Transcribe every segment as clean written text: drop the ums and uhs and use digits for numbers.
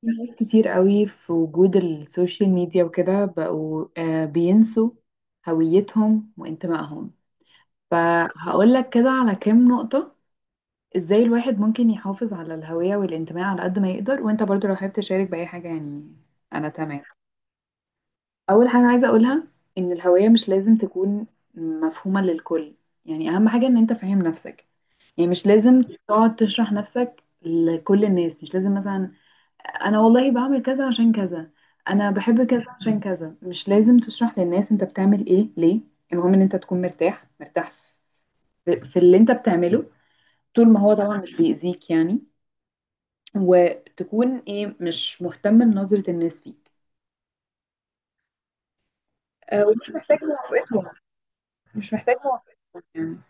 في ناس كتير قوي في وجود السوشيال ميديا وكده بقوا بينسوا هويتهم وانتمائهم. فهقول لك كده على كام نقطة. ازاي الواحد ممكن يحافظ على الهوية والانتماء على قد ما يقدر، وانت برضو لو حابب تشارك بأي حاجة يعني. انا تمام. اول حاجة عايزة اقولها ان الهوية مش لازم تكون مفهومة للكل. يعني اهم حاجة ان انت فاهم نفسك. يعني مش لازم تقعد تشرح نفسك لكل الناس، مش لازم مثلا انا والله بعمل كذا عشان كذا، انا بحب كذا عشان كذا، مش لازم تشرح للناس انت بتعمل ايه ليه. المهم ان انت تكون مرتاح مرتاح في اللي انت بتعمله، طول ما هو طبعا مش بيأذيك يعني. وتكون ايه مش مهتم بنظرة الناس فيك. أه، ومش محتاج موافقتهم، مش محتاج موافقتهم يعني.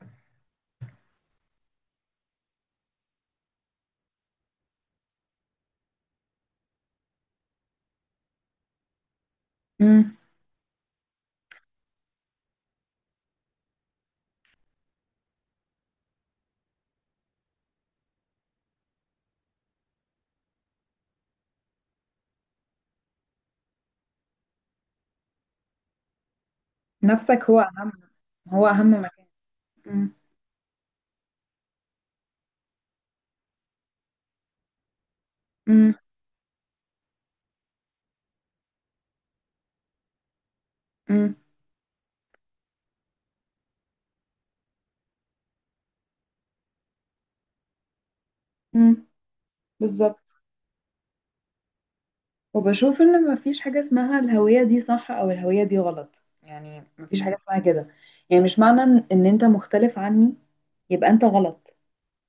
امم. نفسك هو اهم، هو اهم مكان. امم. امم. امم. امم. بالظبط. وبشوف ان مفيش حاجة اسمها الهوية دي صح او الهوية دي غلط، يعني مفيش حاجة اسمها كده. يعني مش معنى ان انت مختلف عني يبقى انت غلط،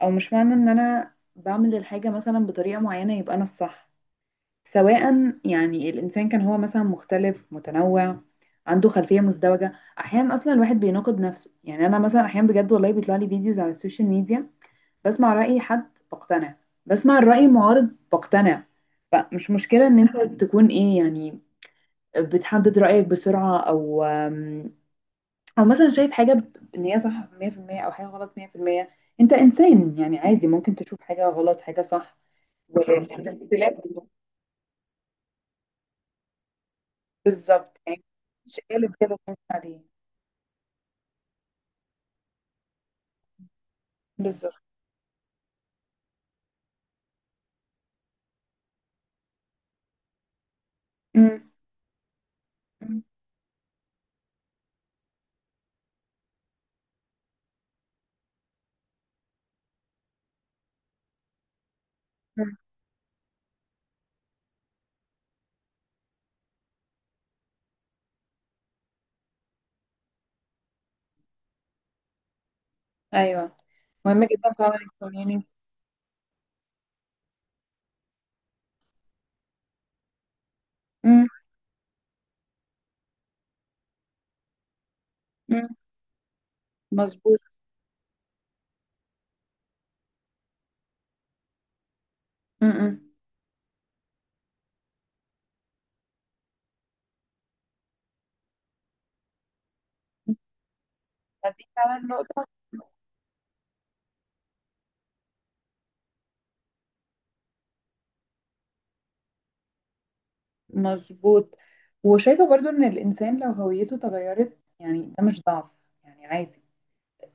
او مش معنى ان انا بعمل الحاجة مثلا بطريقة معينة يبقى انا الصح. سواء يعني الانسان كان هو مثلا مختلف متنوع، عنده خلفية مزدوجة. احيانا اصلا الواحد بيناقض نفسه، يعني انا مثلا احيانا بجد والله بيطلع لي فيديوز على السوشيال ميديا، بسمع رأي حد بقتنع، بسمع الرأي المعارض بقتنع. فمش مشكلة ان انت تكون ايه يعني، بتحدد رأيك بسرعة، او او مثلا شايف حاجة ان هي صح 100% او حاجة غلط 100%. انت انسان يعني عادي ممكن تشوف حاجة غلط حاجة صح. والاختلاف بالظبط يعني، مش قالب كده تمشي عليه. بالظبط. مم. مم. مم. ايوه، مهم جدا فعلا الكوميونيتي. مظبوط. مم. مم. هذه فعلا نقطة. مظبوط. وشايفة برضو ان الانسان لو هويته اتغيرت يعني ده مش ضعف، يعني عادي.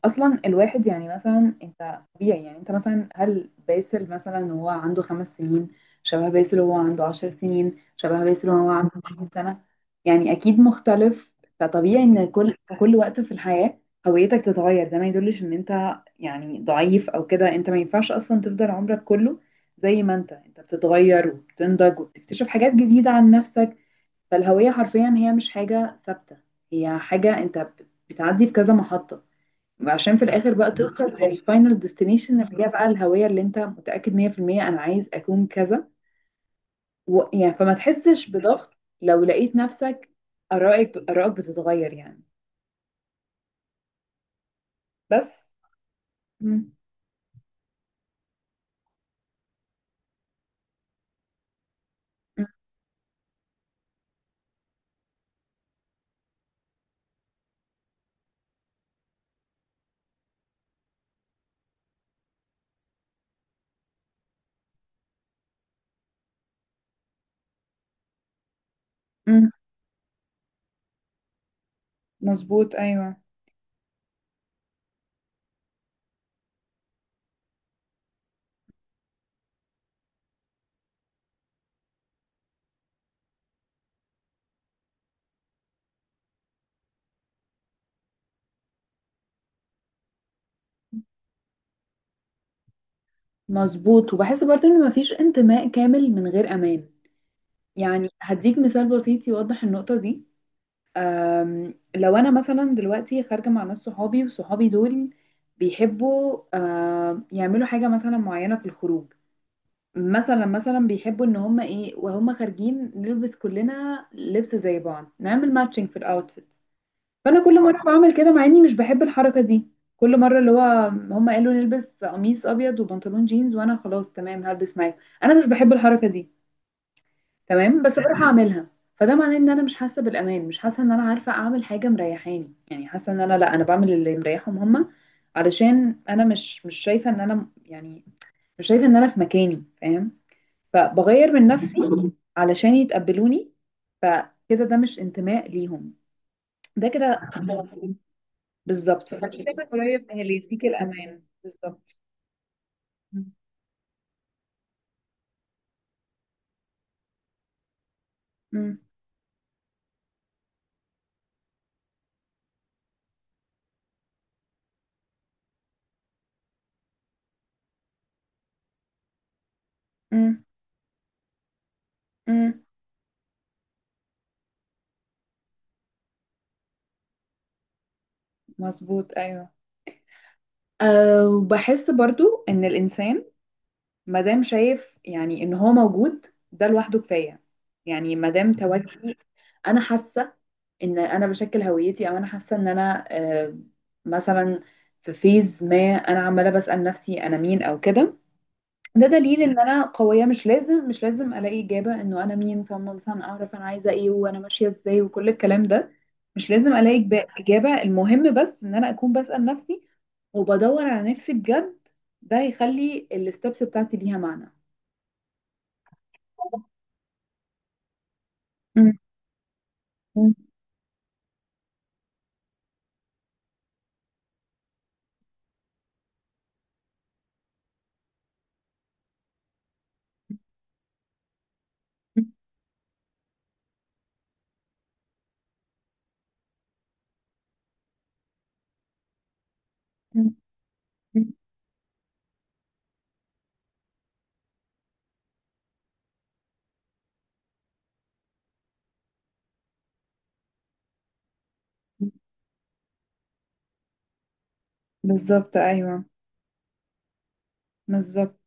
اصلا الواحد يعني مثلا انت طبيعي، يعني انت مثلا هل باسل مثلا وهو عنده خمس سنين، شبه باسل وهو عنده عشر سنين، شبه باسل وهو عنده عشرين سنة؟ يعني اكيد مختلف. فطبيعي ان في كل وقت في الحياة هويتك تتغير، ده ما يدلش ان انت يعني ضعيف او كده، انت ما ينفعش اصلا تفضل عمرك كله زي ما انت بتتغير وبتنضج وبتكتشف حاجات جديدة عن نفسك. فالهوية حرفيا هي مش حاجة ثابتة، هي حاجة انت بتعدي في كذا محطة، وعشان في الاخر بقى توصل للفاينل ديستنيشن اللي هي بقى الهوية اللي انت متأكد 100% انا عايز اكون كذا. و، يعني، فما تحسش بضغط لو لقيت نفسك ارائك بتتغير يعني، بس. مم. مم. مم. مظبوط، ايوه. مظبوط. وبحس برضه ان مفيش انتماء كامل من غير امان. يعني هديك مثال بسيط يوضح النقطة دي. لو انا مثلا دلوقتي خارجه مع ناس صحابي وصحابي دول بيحبوا يعملوا حاجه مثلا معينه في الخروج، مثلا بيحبوا ان هم ايه وهم خارجين نلبس كلنا لبس زي بعض، نعمل ماتشنج في الاوتفيت. فانا كل مره بعمل كده مع اني مش بحب الحركه دي، كل مره اللي هو هم قالوا نلبس قميص ابيض وبنطلون جينز، وانا خلاص تمام هلبس معاك. انا مش بحب الحركه دي، تمام، بس بروح اعملها. فده معناه ان انا مش حاسه بالامان، مش حاسه ان انا عارفه اعمل حاجه مريحاني، يعني حاسه ان انا لا، انا بعمل اللي مريحهم هما. علشان انا مش شايفه ان انا يعني، مش شايفه ان انا في مكاني، فاهم. فبغير من نفسي علشان يتقبلوني. فكده ده مش انتماء ليهم، ده كده. بالظبط. فالكتاب قريب من اللي يديك الامان بالظبط. مم. مم. مم. مظبوط، ايوه. أه، وبحس برضو ان الانسان ما دام شايف يعني ان هو موجود، ده لوحده كفايه. يعني ما دام تواجدي، انا حاسه ان انا بشكل هويتي، او انا حاسه ان انا مثلا في فيز ما انا عماله بسال نفسي انا مين او كده، ده دليل ان انا قويه. مش لازم الاقي اجابه انه انا مين، فاهمه، مثلا اعرف انا عايزه ايه وانا ماشيه ازاي وكل الكلام ده. مش لازم الاقي اجابه، المهم بس ان انا اكون بسال نفسي وبدور على نفسي بجد. ده هيخلي الستبس بتاعتي ليها معنى. مم. مم. مم. مم. بالظبط، ايوه. بالظبط.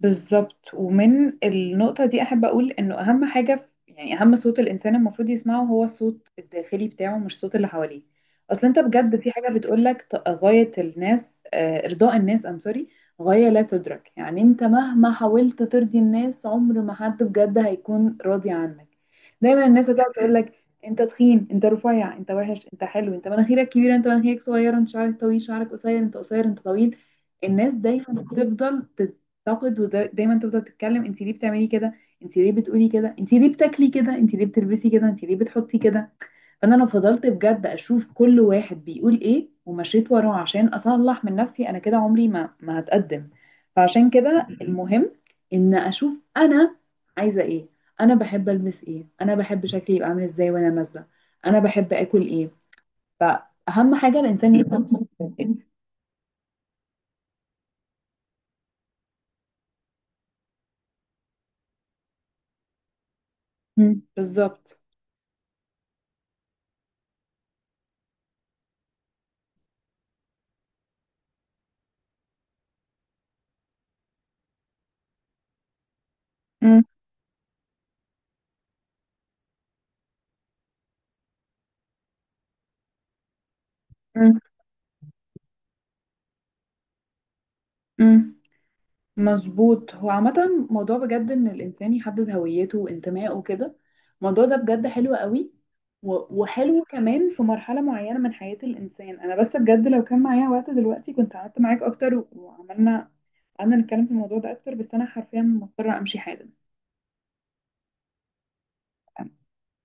بالظبط. ومن النقطة دي أحب أقول إنه أهم حاجة، يعني أهم صوت الإنسان المفروض يسمعه هو الصوت الداخلي بتاعه مش الصوت اللي حواليه. أصل أنت بجد في حاجة بتقولك غاية الناس، إرضاء الناس، سوري، غاية لا تدرك. يعني أنت مهما حاولت ترضي الناس، عمر ما حد بجد هيكون راضي عنك. دايما الناس هتقعد تقولك: أنت تخين، أنت رفيع، أنت وحش، أنت حلو، أنت مناخيرك كبيرة، أنت مناخيرك صغيرة، أنت شعرك طويل، شعرك قصير، أنت قصير، أنت طويل. الناس دايما بتفضل تنتقد، ودايما تفضل تتكلم: انت ليه بتعملي كده؟ انت ليه بتقولي كده؟ انت ليه بتاكلي كده؟ انت ليه بتلبسي كده؟ انت ليه بتحطي كده؟ فانا لو فضلت بجد اشوف كل واحد بيقول ايه ومشيت وراه عشان اصلح من نفسي انا كده، عمري ما هتقدم. فعشان كده المهم ان اشوف انا عايزه ايه، انا بحب البس ايه، انا بحب شكلي يبقى عامل ازاي وانا نازله، انا بحب اكل ايه، فاهم، حاجه الانسان يفهم. مم، بالظبط. مم. مم. مم. مظبوط. هو عامة موضوع بجد إن الإنسان يحدد هويته وانتمائه وكده، الموضوع ده بجد حلو قوي، و- وحلو كمان في مرحلة معينة من حياة الإنسان. أنا بس بجد لو كان معايا وقت دلوقتي كنت قعدت معاك أكتر و- وعملنا، قعدنا نتكلم في الموضوع ده أكتر، بس أنا حرفيا مضطرة أمشي حالا.